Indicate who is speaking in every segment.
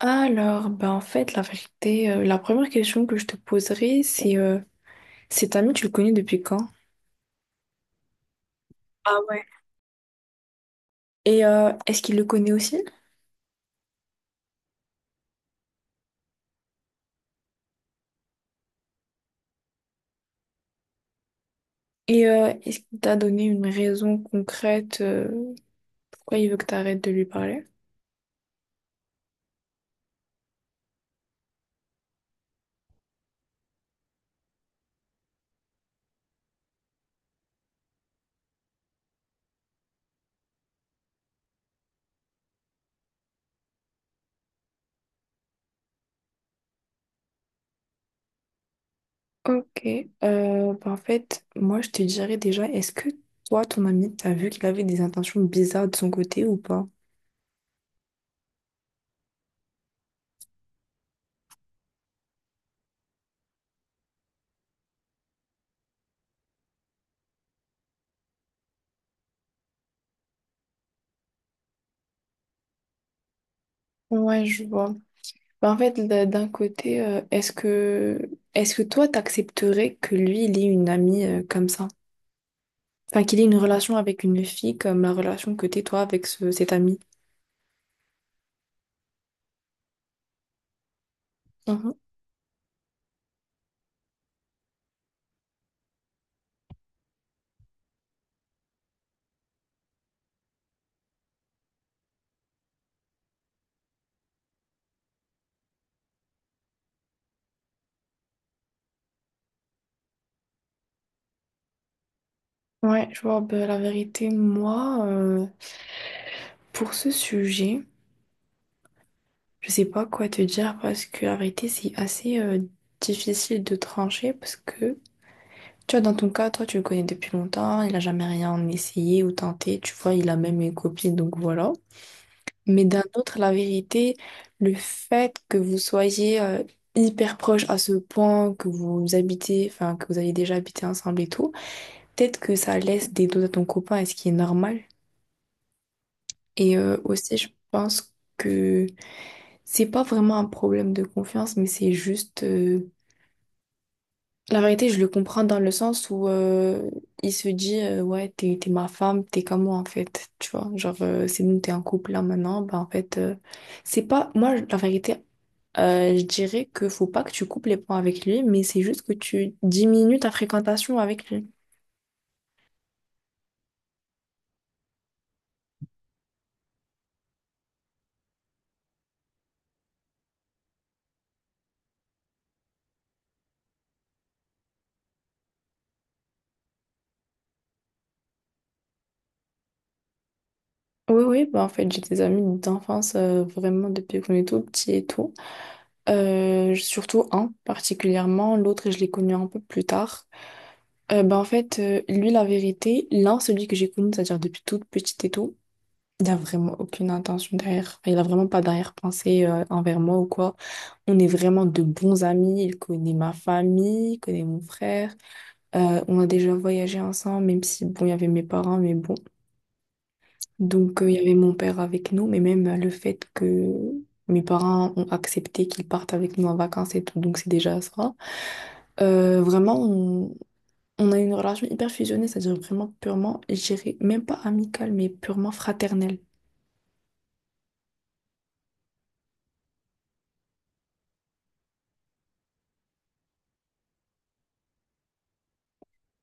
Speaker 1: Alors, ben en fait, la vérité, la première question que je te poserai, c'est cet ami, tu le connais depuis quand? Ah ouais. Est-ce qu'il le connaît aussi? Est-ce qu'il t'a donné une raison concrète pourquoi il veut que tu arrêtes de lui parler? Ok. Ben, en fait, moi, je te dirais déjà, est-ce que toi, ton ami, t'as vu qu'il avait des intentions bizarres de son côté ou pas? Ouais, je vois. Ben, en fait, d'un côté, est-ce que toi, t'accepterais que lui, il ait une amie comme ça? Enfin, qu'il ait une relation avec une fille comme la relation que t'es toi avec cet ami. Mhm. Ouais, je vois, ben, la vérité, moi, pour ce sujet, je sais pas quoi te dire parce que la vérité, c'est assez difficile de trancher parce que, tu vois, dans ton cas, toi, tu le connais depuis longtemps, il a jamais rien essayé ou tenté, tu vois, il a même une copine, donc voilà. Mais d'un autre, la vérité, le fait que vous soyez hyper proches à ce point, que vous habitez, enfin, que vous avez déjà habité ensemble et tout, peut-être que ça laisse des doutes à ton copain, et ce qui est normal. Aussi, je pense que c'est pas vraiment un problème de confiance, mais c'est juste. La vérité, je le comprends dans le sens où il se dit ouais, t'es ma femme, t'es comme moi en fait. Tu vois, genre, c'est nous, t'es en couple là maintenant. Bah en fait, c'est pas. Moi, la vérité, je dirais que faut pas que tu coupes les ponts avec lui, mais c'est juste que tu diminues ta fréquentation avec lui. Oui, oui, bah en fait, j'ai des amis d'enfance vraiment depuis qu'on est tout petit et tout. Surtout un particulièrement, l'autre, je l'ai connu un peu plus tard. Bah en fait, lui, la vérité, l'un, celui que j'ai connu, c'est-à-dire depuis toute petite et tout, il n'y a vraiment aucune intention derrière. Enfin, il n'a vraiment pas d'arrière-pensée envers moi ou quoi. On est vraiment de bons amis. Il connaît ma famille, il connaît mon frère. On a déjà voyagé ensemble, même si, bon, il y avait mes parents, mais bon. Donc, il y avait mon père avec nous, mais même le fait que mes parents ont accepté qu'ils partent avec nous en vacances et tout, donc c'est déjà ça. Vraiment, on a une relation hyper fusionnée, c'est-à-dire vraiment purement, je dirais même pas amicale, mais purement fraternelle.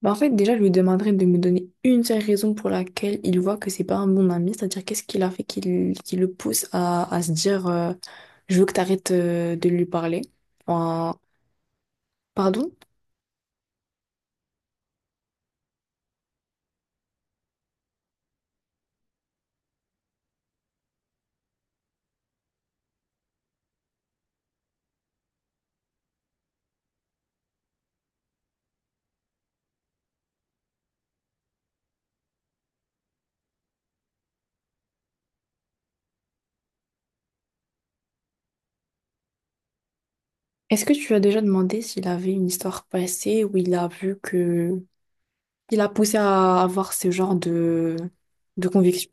Speaker 1: Bah, en fait, déjà, je lui demanderais de me donner une seule raison pour laquelle il voit que c'est pas un bon ami, c'est-à-dire qu'est-ce qu'il a fait qui le pousse à se dire je veux que t'arrêtes de lui parler. Enfin, pardon? Est-ce que tu as déjà demandé s'il avait une histoire passée où il a vu que... Il a poussé à avoir ce genre de conviction?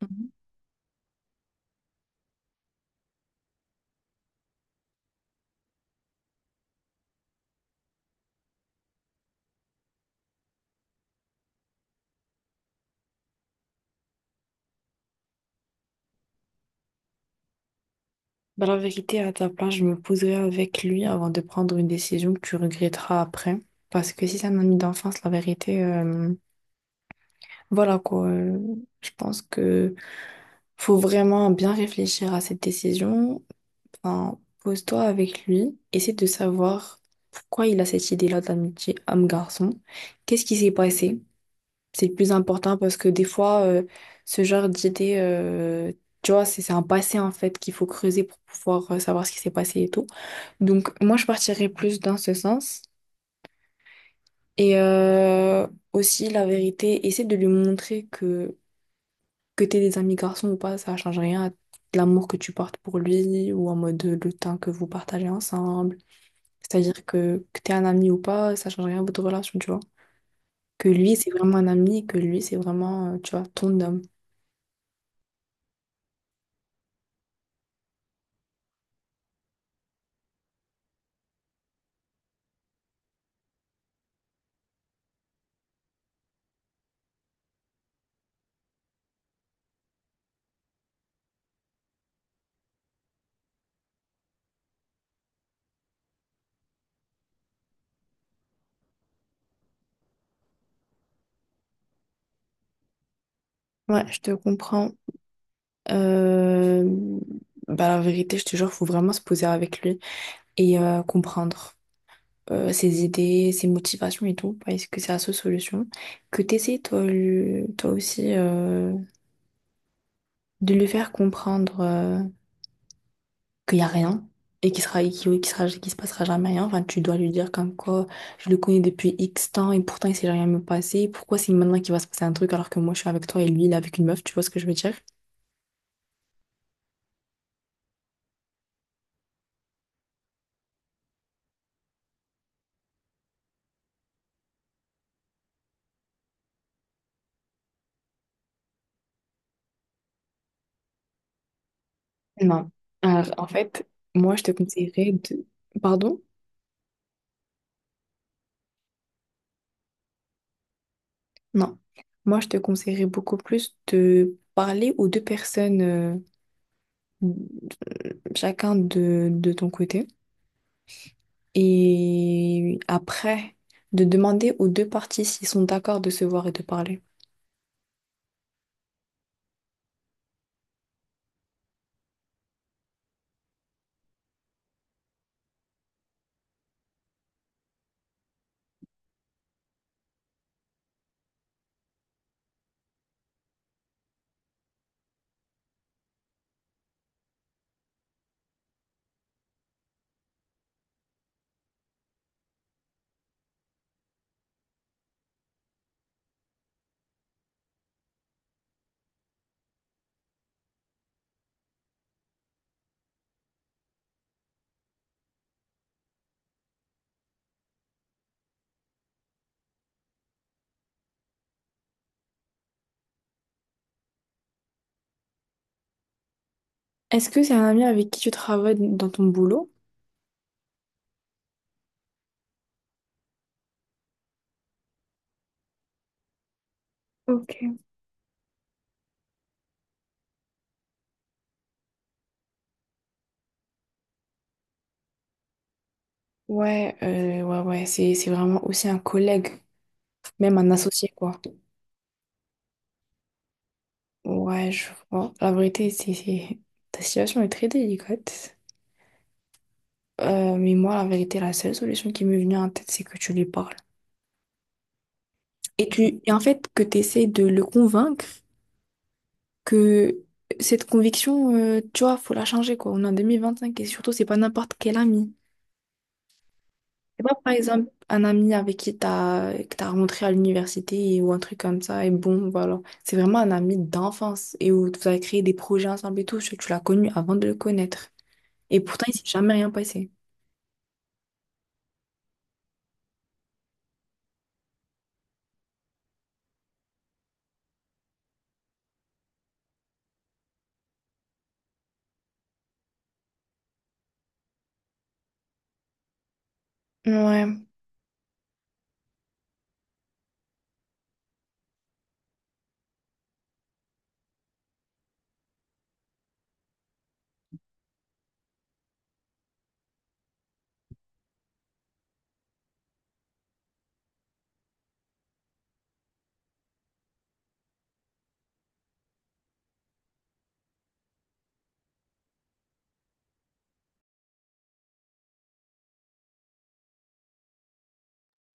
Speaker 1: Mhm. Bah, la vérité, à ta place, je me poserai avec lui avant de prendre une décision que tu regretteras après. Parce que si c'est un ami d'enfance, la vérité, voilà quoi. Je pense que faut vraiment bien réfléchir à cette décision. Enfin, pose-toi avec lui, essaie de savoir pourquoi il a cette idée-là d'amitié homme-garçon. Qu'est-ce qui s'est passé? C'est le plus important parce que des fois, ce genre d'idée, tu vois, c'est un passé en fait qu'il faut creuser pour pouvoir savoir ce qui s'est passé et tout. Donc, moi, je partirais plus dans ce sens. Et aussi, la vérité, essaie de lui montrer que t'aies des amis garçons ou pas, ça change rien à l'amour que tu portes pour lui ou en mode le temps que vous partagez ensemble. C'est-à-dire que t'es un ami ou pas, ça change rien à votre relation, tu vois. Que lui, c'est vraiment un ami, que lui, c'est vraiment, tu vois, ton homme. Ouais, je te comprends. Euh, bah, la vérité, je te jure, faut vraiment se poser avec lui et comprendre ses idées, ses motivations et tout, parce que c'est la seule solution. Que t'essayes toi, toi aussi de lui faire comprendre qu'il n'y a rien et qu'il sera, et qu'il, qu'il sera, qu'il se passera jamais rien. Enfin, tu dois lui dire comme quoi je le connais depuis X temps et pourtant il s'est jamais passé. Pourquoi c'est maintenant qu'il va se passer un truc alors que moi je suis avec toi et lui il est avec une meuf, tu vois ce que je veux dire? Non. Alors, en fait, moi, je te conseillerais de... Pardon? Non. Moi, je te conseillerais beaucoup plus de parler aux deux personnes, chacun de ton côté. Et après, de demander aux deux parties s'ils sont d'accord de se voir et de parler. Est-ce que c'est un ami avec qui tu travailles dans ton boulot? Ok. Ouais, ouais, ouais, c'est vraiment aussi un collègue, même un associé, quoi. Ouais, je vois. La vérité, ta situation est très délicate. Mais moi, la vérité, la seule solution qui m'est venue en tête, c'est que tu lui parles. Et tu, et en fait, que tu essaies de le convaincre que cette conviction, tu vois, faut la changer, quoi. On est en 2025 et surtout, c'est pas n'importe quel ami. C'est pas, par exemple, un ami avec qui que t'as rencontré à l'université ou un truc comme ça, et bon, voilà. C'est vraiment un ami d'enfance et où vous avez créé des projets ensemble et tout. Tu l'as connu avant de le connaître. Et pourtant, il s'est jamais rien passé. Ouais.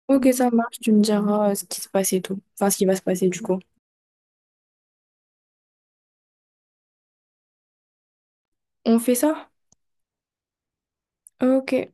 Speaker 1: Ok, ça marche, tu me diras ce qui se passe et tout. Enfin, ce qui va se passer du coup. On fait ça? Ok.